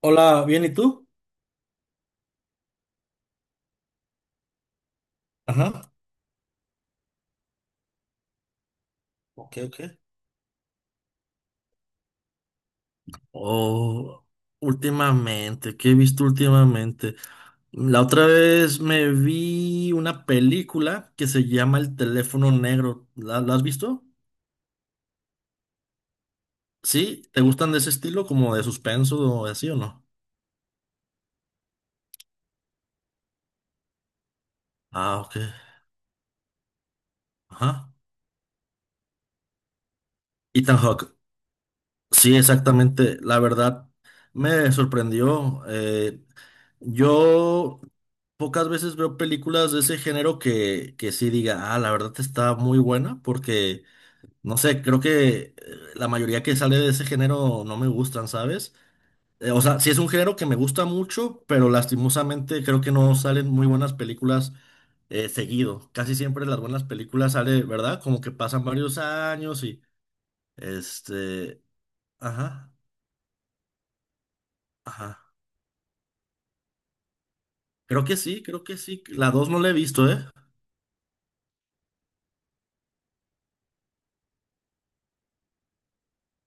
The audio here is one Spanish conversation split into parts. Hola, bien, ¿y tú? Ajá. Ok, ok. Oh, últimamente, ¿qué he visto últimamente? La otra vez me vi una película que se llama El teléfono negro. ¿La has visto? ¿Sí? ¿Te gustan de ese estilo, como de suspenso o así o no? Ah, ok. Ajá. Ethan Hawke. Sí, exactamente. La verdad me sorprendió. Yo pocas veces veo películas de ese género que sí diga, ah, la verdad está muy buena, porque, no sé, creo que la mayoría que sale de ese género no me gustan, ¿sabes? O sea, sí es un género que me gusta mucho, pero lastimosamente creo que no salen muy buenas películas seguido. Casi siempre las buenas películas sale, ¿verdad? Como que pasan varios años y, este, ajá, ajá. Creo que sí, creo que sí. La 2 no la he visto, ¿eh?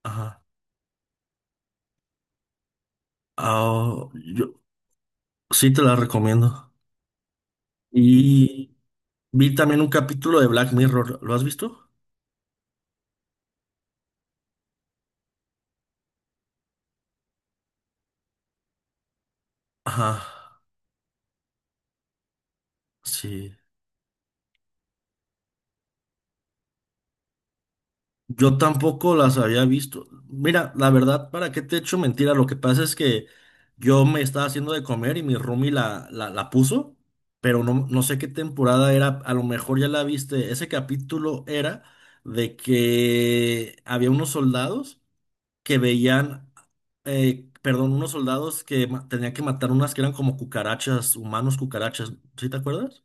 Ajá. Ah, yo sí te la recomiendo. Y vi también un capítulo de Black Mirror. ¿Lo has visto? Ajá. Sí. Yo tampoco las había visto. Mira, la verdad, ¿para qué te echo mentira? Lo que pasa es que yo me estaba haciendo de comer y mi roomie la puso, pero no, no sé qué temporada era. A lo mejor ya la viste. Ese capítulo era de que había unos soldados que veían, perdón, unos soldados que tenían que matar unas que eran como cucarachas, humanos cucarachas, ¿sí te acuerdas?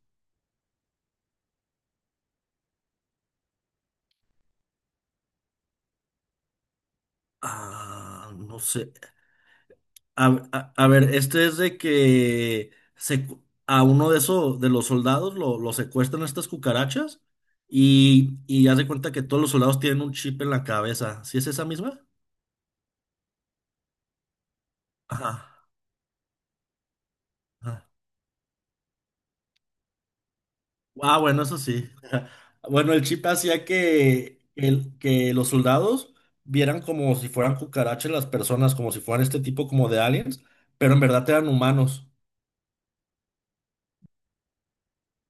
Ah, no sé. A, a ver, este es de que se, a uno de esos, de los soldados, lo secuestran estas cucarachas y haz de cuenta que todos los soldados tienen un chip en la cabeza. ¿Sí es esa misma? Ajá. Ah, bueno, eso sí. Bueno, el chip hacía que los soldados vieran como si fueran cucarachas las personas, como si fueran este tipo como de aliens, pero en verdad eran humanos.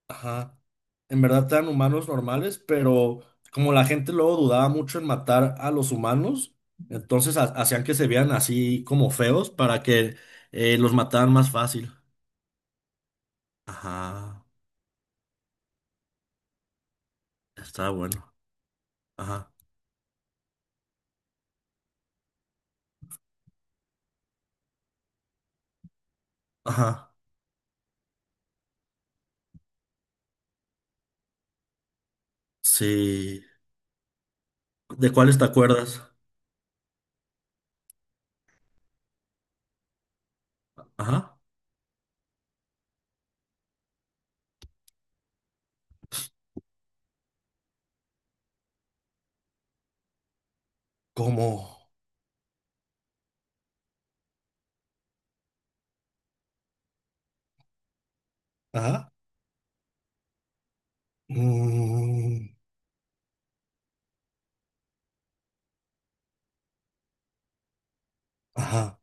Ajá. En verdad eran humanos normales, pero como la gente luego dudaba mucho en matar a los humanos, entonces hacían que se vean así como feos para que los mataran más fácil. Ajá. Está bueno. Ajá. Ajá. Sí. ¿De cuáles te acuerdas? Ajá. ¿Cómo? Ajá. Mm, ajá.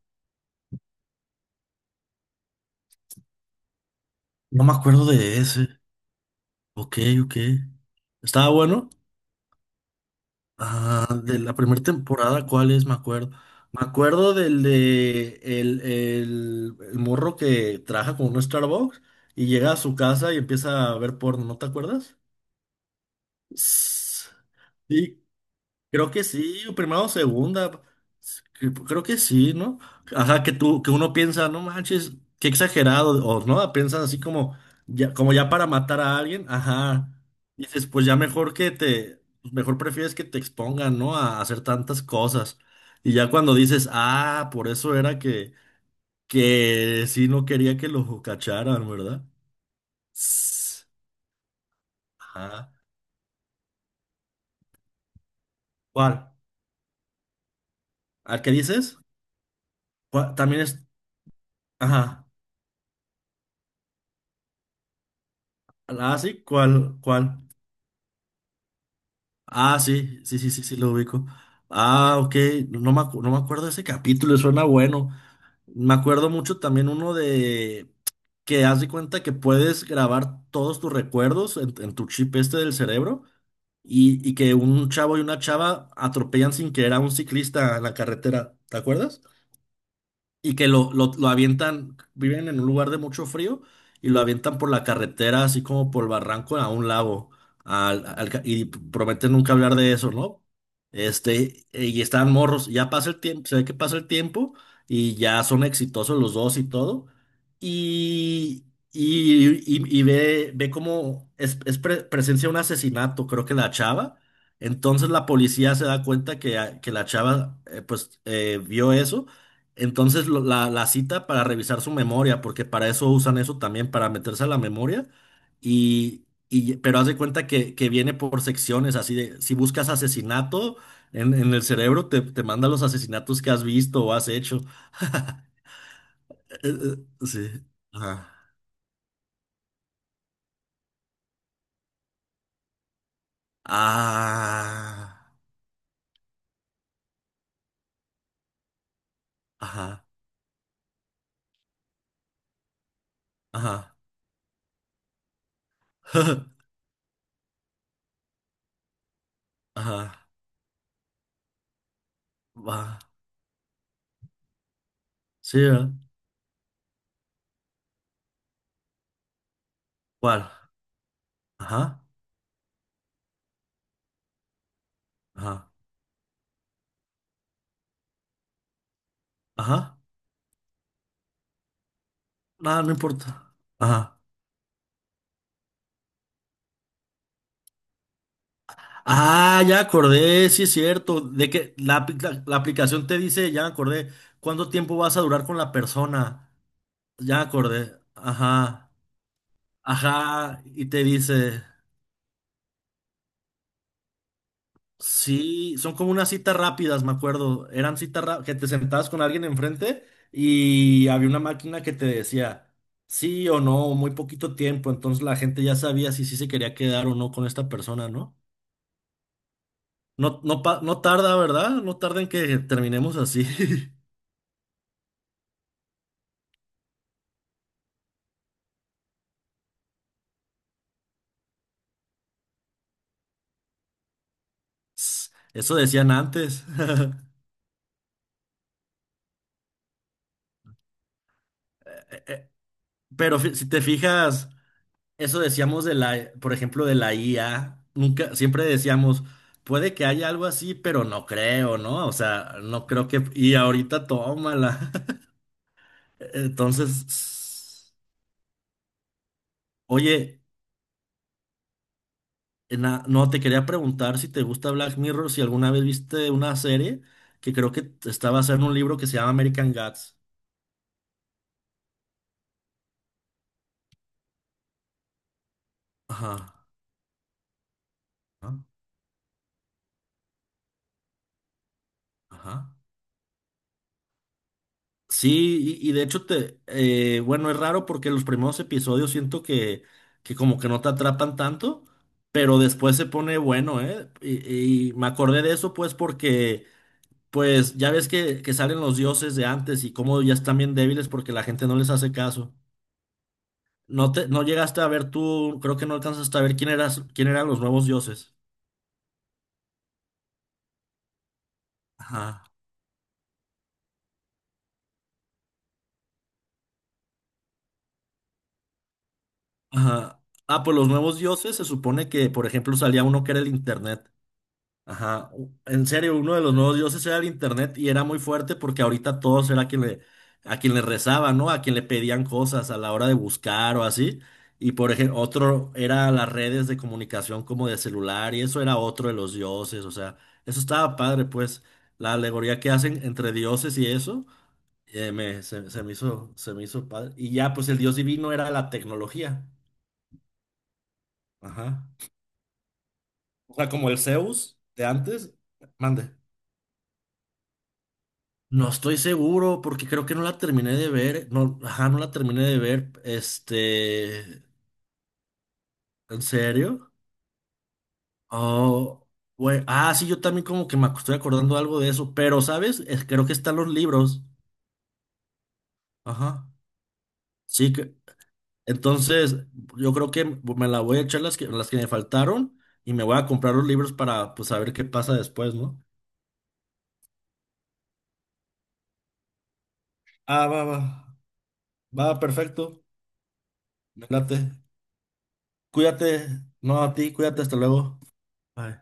No me acuerdo de ese. Ok, ok. Estaba bueno. Ah, de la primera temporada, ¿cuál es? Me acuerdo. Me acuerdo del de el morro que trabaja con un Starbucks y llega a su casa y empieza a ver porno, ¿no te acuerdas? Sí, creo que sí, primero o segunda. Creo que sí, ¿no? Ajá, que uno piensa, no manches, qué exagerado, o no, piensas así como ya para matar a alguien, ajá. Y dices, pues ya mejor pues mejor prefieres que te expongan, ¿no? A hacer tantas cosas. Y ya cuando dices, ah, por eso era que sí no quería que lo cacharan, ¿verdad? Sss, Ajá. ¿Cuál? ¿Al que dices? ¿Cuál? También es, ajá. Ah, sí, ¿cuál, cuál? Ah, sí, sí, sí, sí, sí, lo ubico. Ah, ok, no no me, no me acuerdo de ese capítulo, suena bueno. Me acuerdo mucho también uno de que haz de cuenta que puedes grabar todos tus recuerdos en tu chip este del cerebro y que un chavo y una chava atropellan sin querer a un ciclista en la carretera, ¿te acuerdas? Y que lo avientan, viven en un lugar de mucho frío y lo avientan por la carretera, así como por el barranco a un lago. Y prometen nunca hablar de eso, ¿no? Y están morros, ya pasa el tiempo, se ve que pasa el tiempo y ya son exitosos los dos y todo. Y, y ve cómo presencia un asesinato, creo que la chava. Entonces la policía se da cuenta que la chava pues vio eso, entonces la cita para revisar su memoria, porque para eso usan eso también, para meterse a la memoria. Pero haz de cuenta que viene por secciones, así de, si buscas asesinato en el cerebro, te manda los asesinatos que has visto o has hecho. Sí. Ajá. Ah. Ajá. Ajá. Ajá. Va. Sí, ¿verdad? ¿Cuál? Ajá. Ajá. Ajá. Nada, no importa. Ajá. Ah, ya acordé, sí es cierto, de que la aplicación te dice, ya acordé, cuánto tiempo vas a durar con la persona. Ya acordé, ajá, ajá, y te dice, sí, son como unas citas rápidas, me acuerdo, eran citas que te sentabas con alguien enfrente y había una máquina que te decía, sí o no, muy poquito tiempo, entonces la gente ya sabía si sí se quería quedar o no con esta persona, ¿no? No, no, no tarda, ¿verdad? No tarda en que terminemos así. Eso decían antes. Eh, Pero si te fijas, eso decíamos de la, por ejemplo, de la IA. Nunca, siempre decíamos, puede que haya algo así, pero no creo, ¿no? O sea, no creo que. Y ahorita tómala. Entonces, oye, no, te quería preguntar si te gusta Black Mirror, si alguna vez viste una serie que creo que estaba basada en un libro que se llama American Gods. Ajá. Ajá. Sí, y de hecho bueno, es raro porque los primeros episodios siento que como que no te atrapan tanto, pero después se pone bueno, ¿eh? Y me acordé de eso pues porque, pues ya ves que salen los dioses de antes y cómo ya están bien débiles porque la gente no les hace caso. No te, no llegaste a ver tú, creo que no alcanzaste a ver quién eras, quién eran los nuevos dioses. Ajá. Ajá. Ah, pues los nuevos dioses se supone que, por ejemplo, salía uno que era el internet. Ajá, en serio, uno de los nuevos dioses era el internet y era muy fuerte porque ahorita todos era quien le, a quien le rezaba, ¿no? A quien le pedían cosas a la hora de buscar o así. Y por ejemplo, otro era las redes de comunicación como de celular y eso era otro de los dioses, o sea, eso estaba padre, pues la alegoría que hacen entre dioses y eso, se me hizo padre. Y ya, pues el dios divino era la tecnología. Ajá. O sea, como el Zeus de antes, mande. No estoy seguro porque creo que no la terminé de ver. No, ajá, no la terminé de ver. ¿En serio? Oh, güey. Ah, sí, yo también como que estoy acordando algo de eso, pero, ¿sabes? Creo que están los libros. Ajá. Sí que entonces yo creo que me la voy a echar las que me faltaron y me voy a comprar los libros para pues saber qué pasa después, ¿no? Ah, va, va. Va, perfecto. Me late. Cuídate. No, a ti, cuídate, hasta luego. Bye.